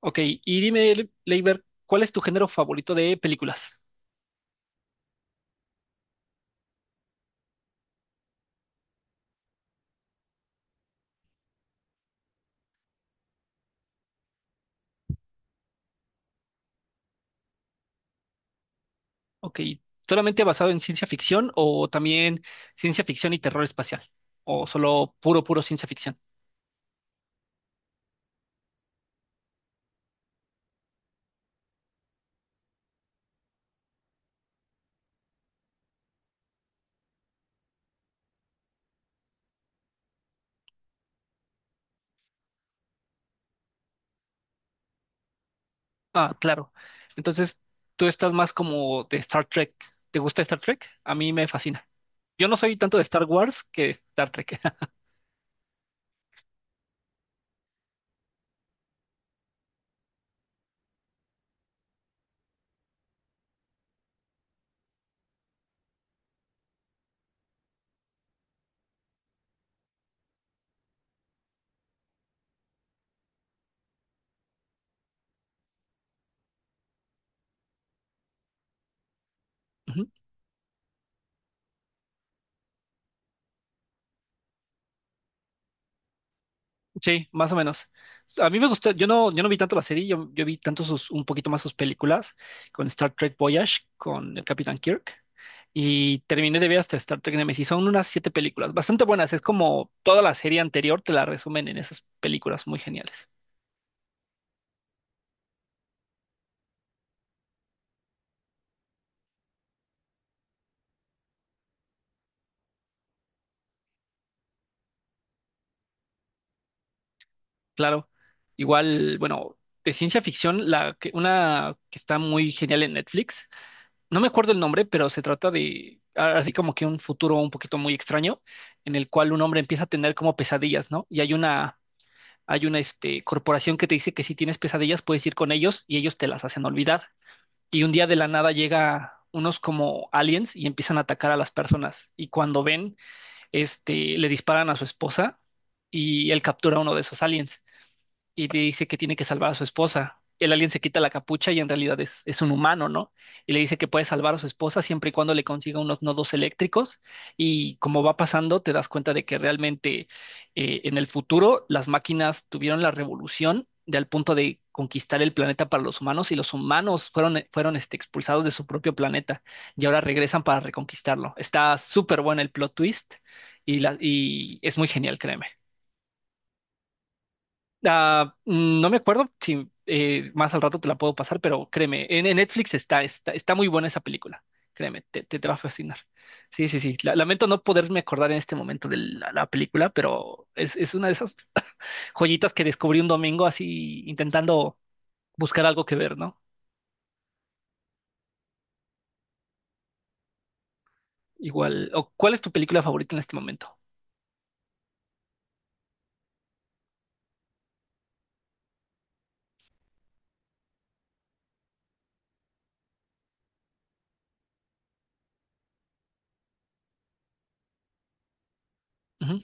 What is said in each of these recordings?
Ok, y dime, Leiber, ¿cuál es tu género favorito de películas? Ok, ¿solamente basado en ciencia ficción o también ciencia ficción y terror espacial? ¿O solo puro, puro ciencia ficción? Ah, claro. Entonces, tú estás más como de Star Trek. ¿Te gusta Star Trek? A mí me fascina. Yo no soy tanto de Star Wars que de Star Trek. Ujú. Sí, más o menos. A mí me gustó, yo no vi tanto la serie, yo vi tanto sus, un poquito más sus películas, con Star Trek Voyage, con el Capitán Kirk, y terminé de ver hasta Star Trek Nemesis. Son unas siete películas, bastante buenas, es como toda la serie anterior, te la resumen en esas películas muy geniales. Claro, igual, bueno, de ciencia ficción, una que está muy genial en Netflix. No me acuerdo el nombre, pero se trata de así como que un futuro un poquito muy extraño, en el cual un hombre empieza a tener como pesadillas, ¿no? Hay una este, corporación que te dice que si tienes pesadillas puedes ir con ellos y ellos te las hacen olvidar. Y un día de la nada llega unos como aliens y empiezan a atacar a las personas. Y cuando ven, este, le disparan a su esposa y él captura a uno de esos aliens y le dice que tiene que salvar a su esposa. El alien se quita la capucha y en realidad es un humano, ¿no? Y le dice que puede salvar a su esposa siempre y cuando le consiga unos nodos eléctricos. Y como va pasando, te das cuenta de que realmente en el futuro las máquinas tuvieron la revolución de al punto de conquistar el planeta para los humanos y los humanos fueron, fueron este, expulsados de su propio planeta y ahora regresan para reconquistarlo. Está súper bueno el plot twist y es muy genial, créeme. Ah, no me acuerdo si más al rato te la puedo pasar, pero créeme, en Netflix está muy buena esa película. Créeme, te va a fascinar. Sí, sí, sí. Lamento no poderme acordar en este momento de la película, pero es una de esas joyitas que descubrí un domingo así intentando buscar algo que ver, ¿no? Igual. O, ¿cuál es tu película favorita en este momento? Ujú.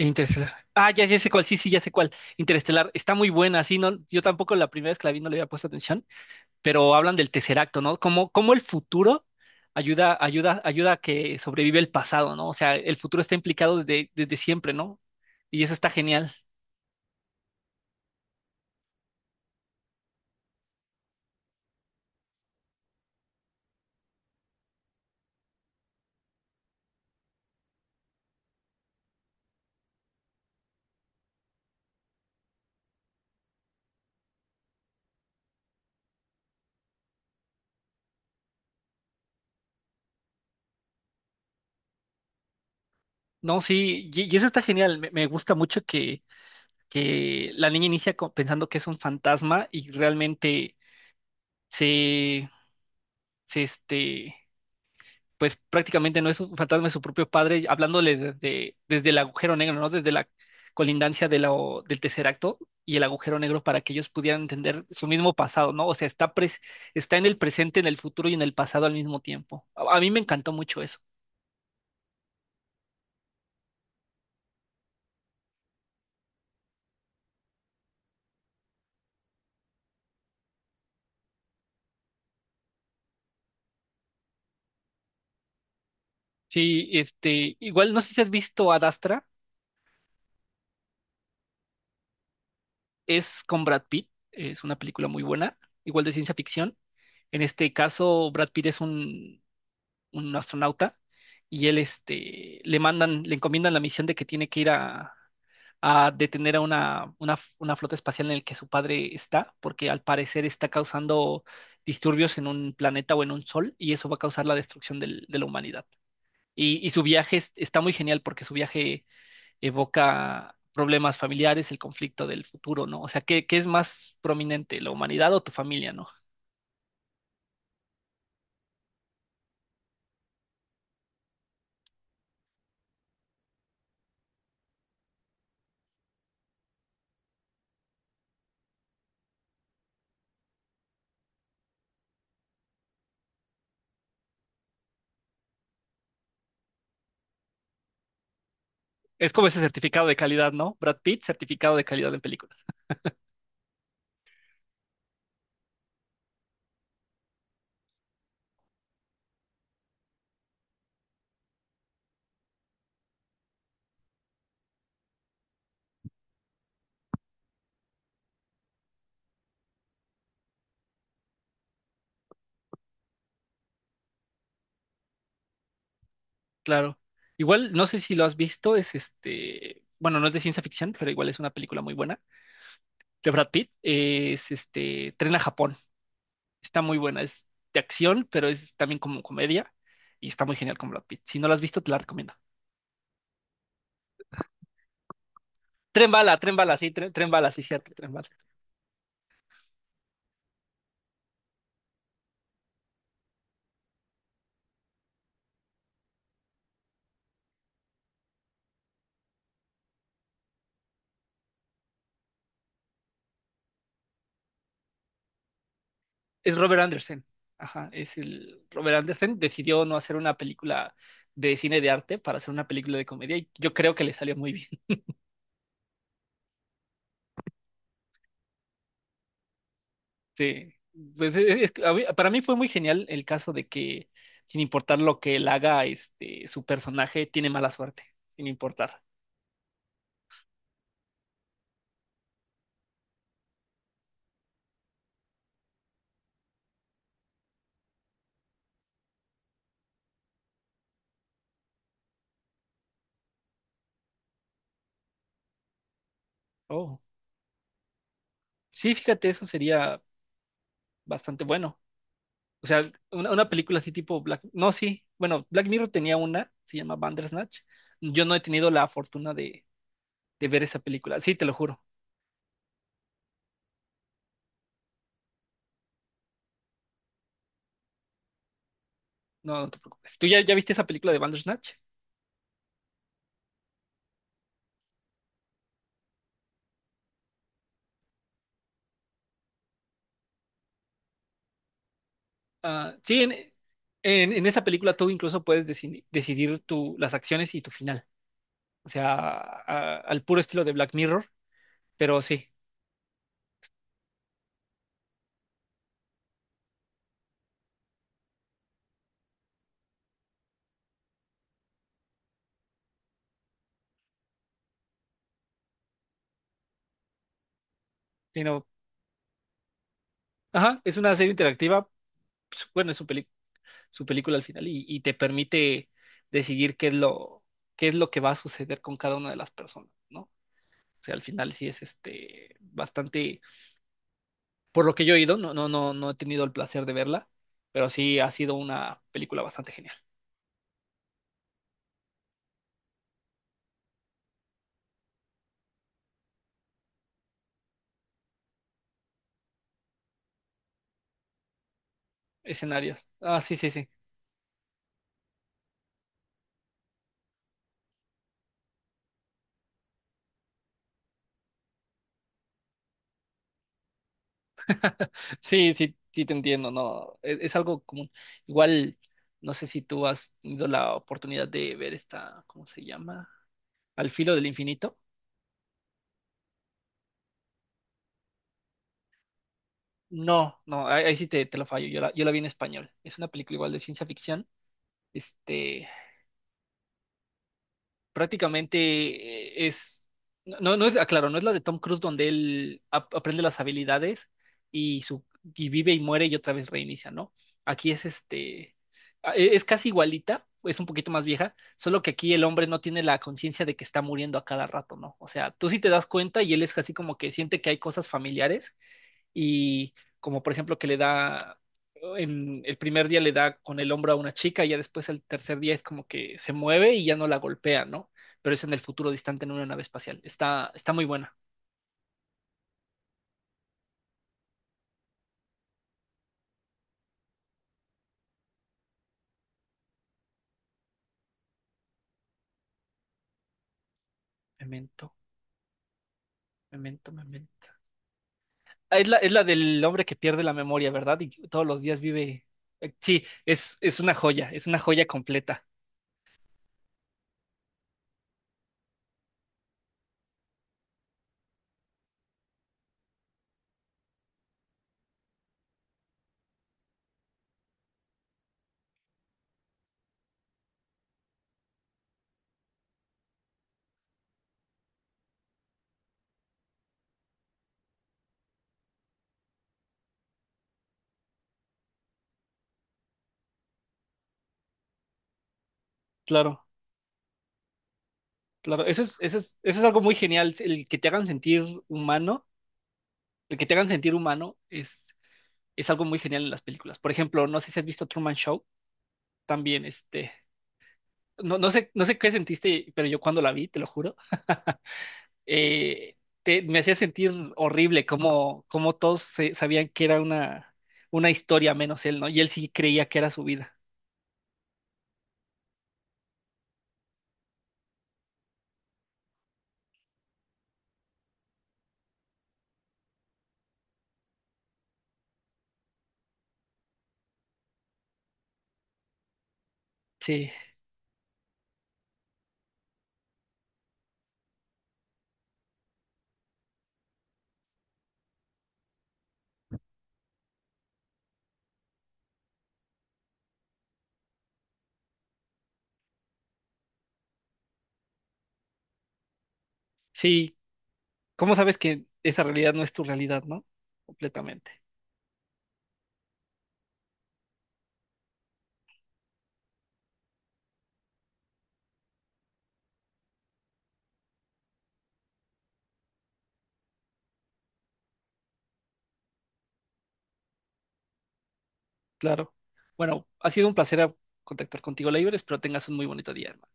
Interestelar. Ah, ya sé cuál, sí, sí, ya sé cuál. Interestelar, está muy buena, sí, no, yo tampoco la primera vez que la vi no le había puesto atención, pero hablan del tercer acto, ¿no? Cómo, cómo el futuro ayuda a que sobrevive el pasado, ¿no? O sea, el futuro está implicado desde, desde siempre, ¿no? Y eso está genial. No, sí, y eso está genial. Me gusta mucho que la niña inicia co- pensando que es un fantasma y realmente se, se, este, pues prácticamente no es un fantasma, es su propio padre, hablándole desde, desde el agujero negro, ¿no? Desde la colindancia de del tercer acto y el agujero negro para que ellos pudieran entender su mismo pasado, ¿no? O sea, está en el presente, en el futuro y en el pasado al mismo tiempo. A mí me encantó mucho eso. Sí, este, igual no sé si has visto Adastra, es con Brad Pitt, es una película muy buena, igual de ciencia ficción. En este caso, Brad Pitt es un astronauta, y él este, le mandan, le encomiendan la misión de que tiene que ir a detener a una flota espacial en el que su padre está, porque al parecer está causando disturbios en un planeta o en un sol, y eso va a causar la destrucción de la humanidad. Y su viaje está muy genial porque su viaje evoca problemas familiares, el conflicto del futuro, ¿no? O sea, ¿qué, qué es más prominente, la humanidad o tu familia, ¿no? Es como ese certificado de calidad, ¿no? Brad Pitt, certificado de calidad en película. Claro. Igual, no sé si lo has visto, es este, bueno, no es de ciencia ficción, pero igual es una película muy buena. De Brad Pitt, es este, Tren a Japón. Está muy buena, es de acción, pero es también como comedia y está muy genial con Brad Pitt. Si no la has visto, te la recomiendo. Tren bala, sí, tren bala, sí, cierto, tren bala. Es Robert Anderson. Ajá, es el Robert Anderson. Decidió no hacer una película de cine de arte para hacer una película de comedia y yo creo que le salió muy bien. Sí, pues es que para mí fue muy genial el caso de que sin importar lo que él haga, este, su personaje tiene mala suerte, sin importar. Oh, sí, fíjate, eso sería bastante bueno. O sea, una película así tipo Black, no, sí, bueno, Black Mirror tenía una, se llama Bandersnatch. Yo no he tenido la fortuna de ver esa película, sí, te lo juro, no, no te preocupes. ¿Tú ya viste esa película de Bandersnatch? Ah, sí, en esa película tú incluso puedes decidir tu, las acciones y tu final. O sea, al puro estilo de Black Mirror, pero sí, sino, ajá, es una serie interactiva, pues, bueno, su película al final y te permite decidir qué es lo que va a suceder con cada una de las personas, ¿no? O sea, al final sí es este bastante, por lo que yo he oído, no, no, no, no he tenido el placer de verla, pero sí ha sido una película bastante genial. Escenarios. Ah, sí, sí, sí. Sí, sí, sí te entiendo, no, es algo común. Igual, no sé si tú has tenido la oportunidad de ver esta, ¿cómo se llama? Al filo del infinito. No, no, ahí sí te lo fallo, yo la vi en español. Es una película igual de ciencia ficción, este, prácticamente eh, es, no, no es, aclaro, no es la de Tom Cruise donde él aprende las habilidades y, su, y vive y muere y otra vez reinicia, ¿no? Aquí es este, es casi igualita, es un poquito más vieja, solo que aquí el hombre no tiene la conciencia de que está muriendo a cada rato, ¿no? O sea, tú sí te das cuenta y él es así como que siente que hay cosas familiares y como por ejemplo que le da, en el primer día le da con el hombro a una chica y ya después el tercer día es como que se mueve y ya no la golpea, ¿no? Pero es en el futuro distante en una nave espacial. Está muy buena. Memento, memento, memento. Ah, es la, es la del hombre que pierde la memoria, ¿verdad? Y todos los días vive. Eh, sí, es una joya completa. Claro, claro. Eso es, eso es, eso es algo muy genial. El que te hagan sentir humano, el que te hagan sentir humano es algo muy genial en las películas. Por ejemplo, no sé si has visto Truman Show, también este, no, no sé, no sé qué sentiste, pero yo cuando la vi, te lo juro, eh, me hacía sentir horrible como, como todos sabían que era una historia menos él, ¿no? Y él sí creía que era su vida. Sí, sí. ¿Cómo sabes que esa realidad no es tu realidad, no? Completamente. Claro. Bueno, ha sido un placer contactar contigo, Leiber. Espero tengas un muy bonito día, hermano.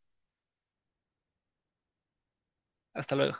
Hasta luego.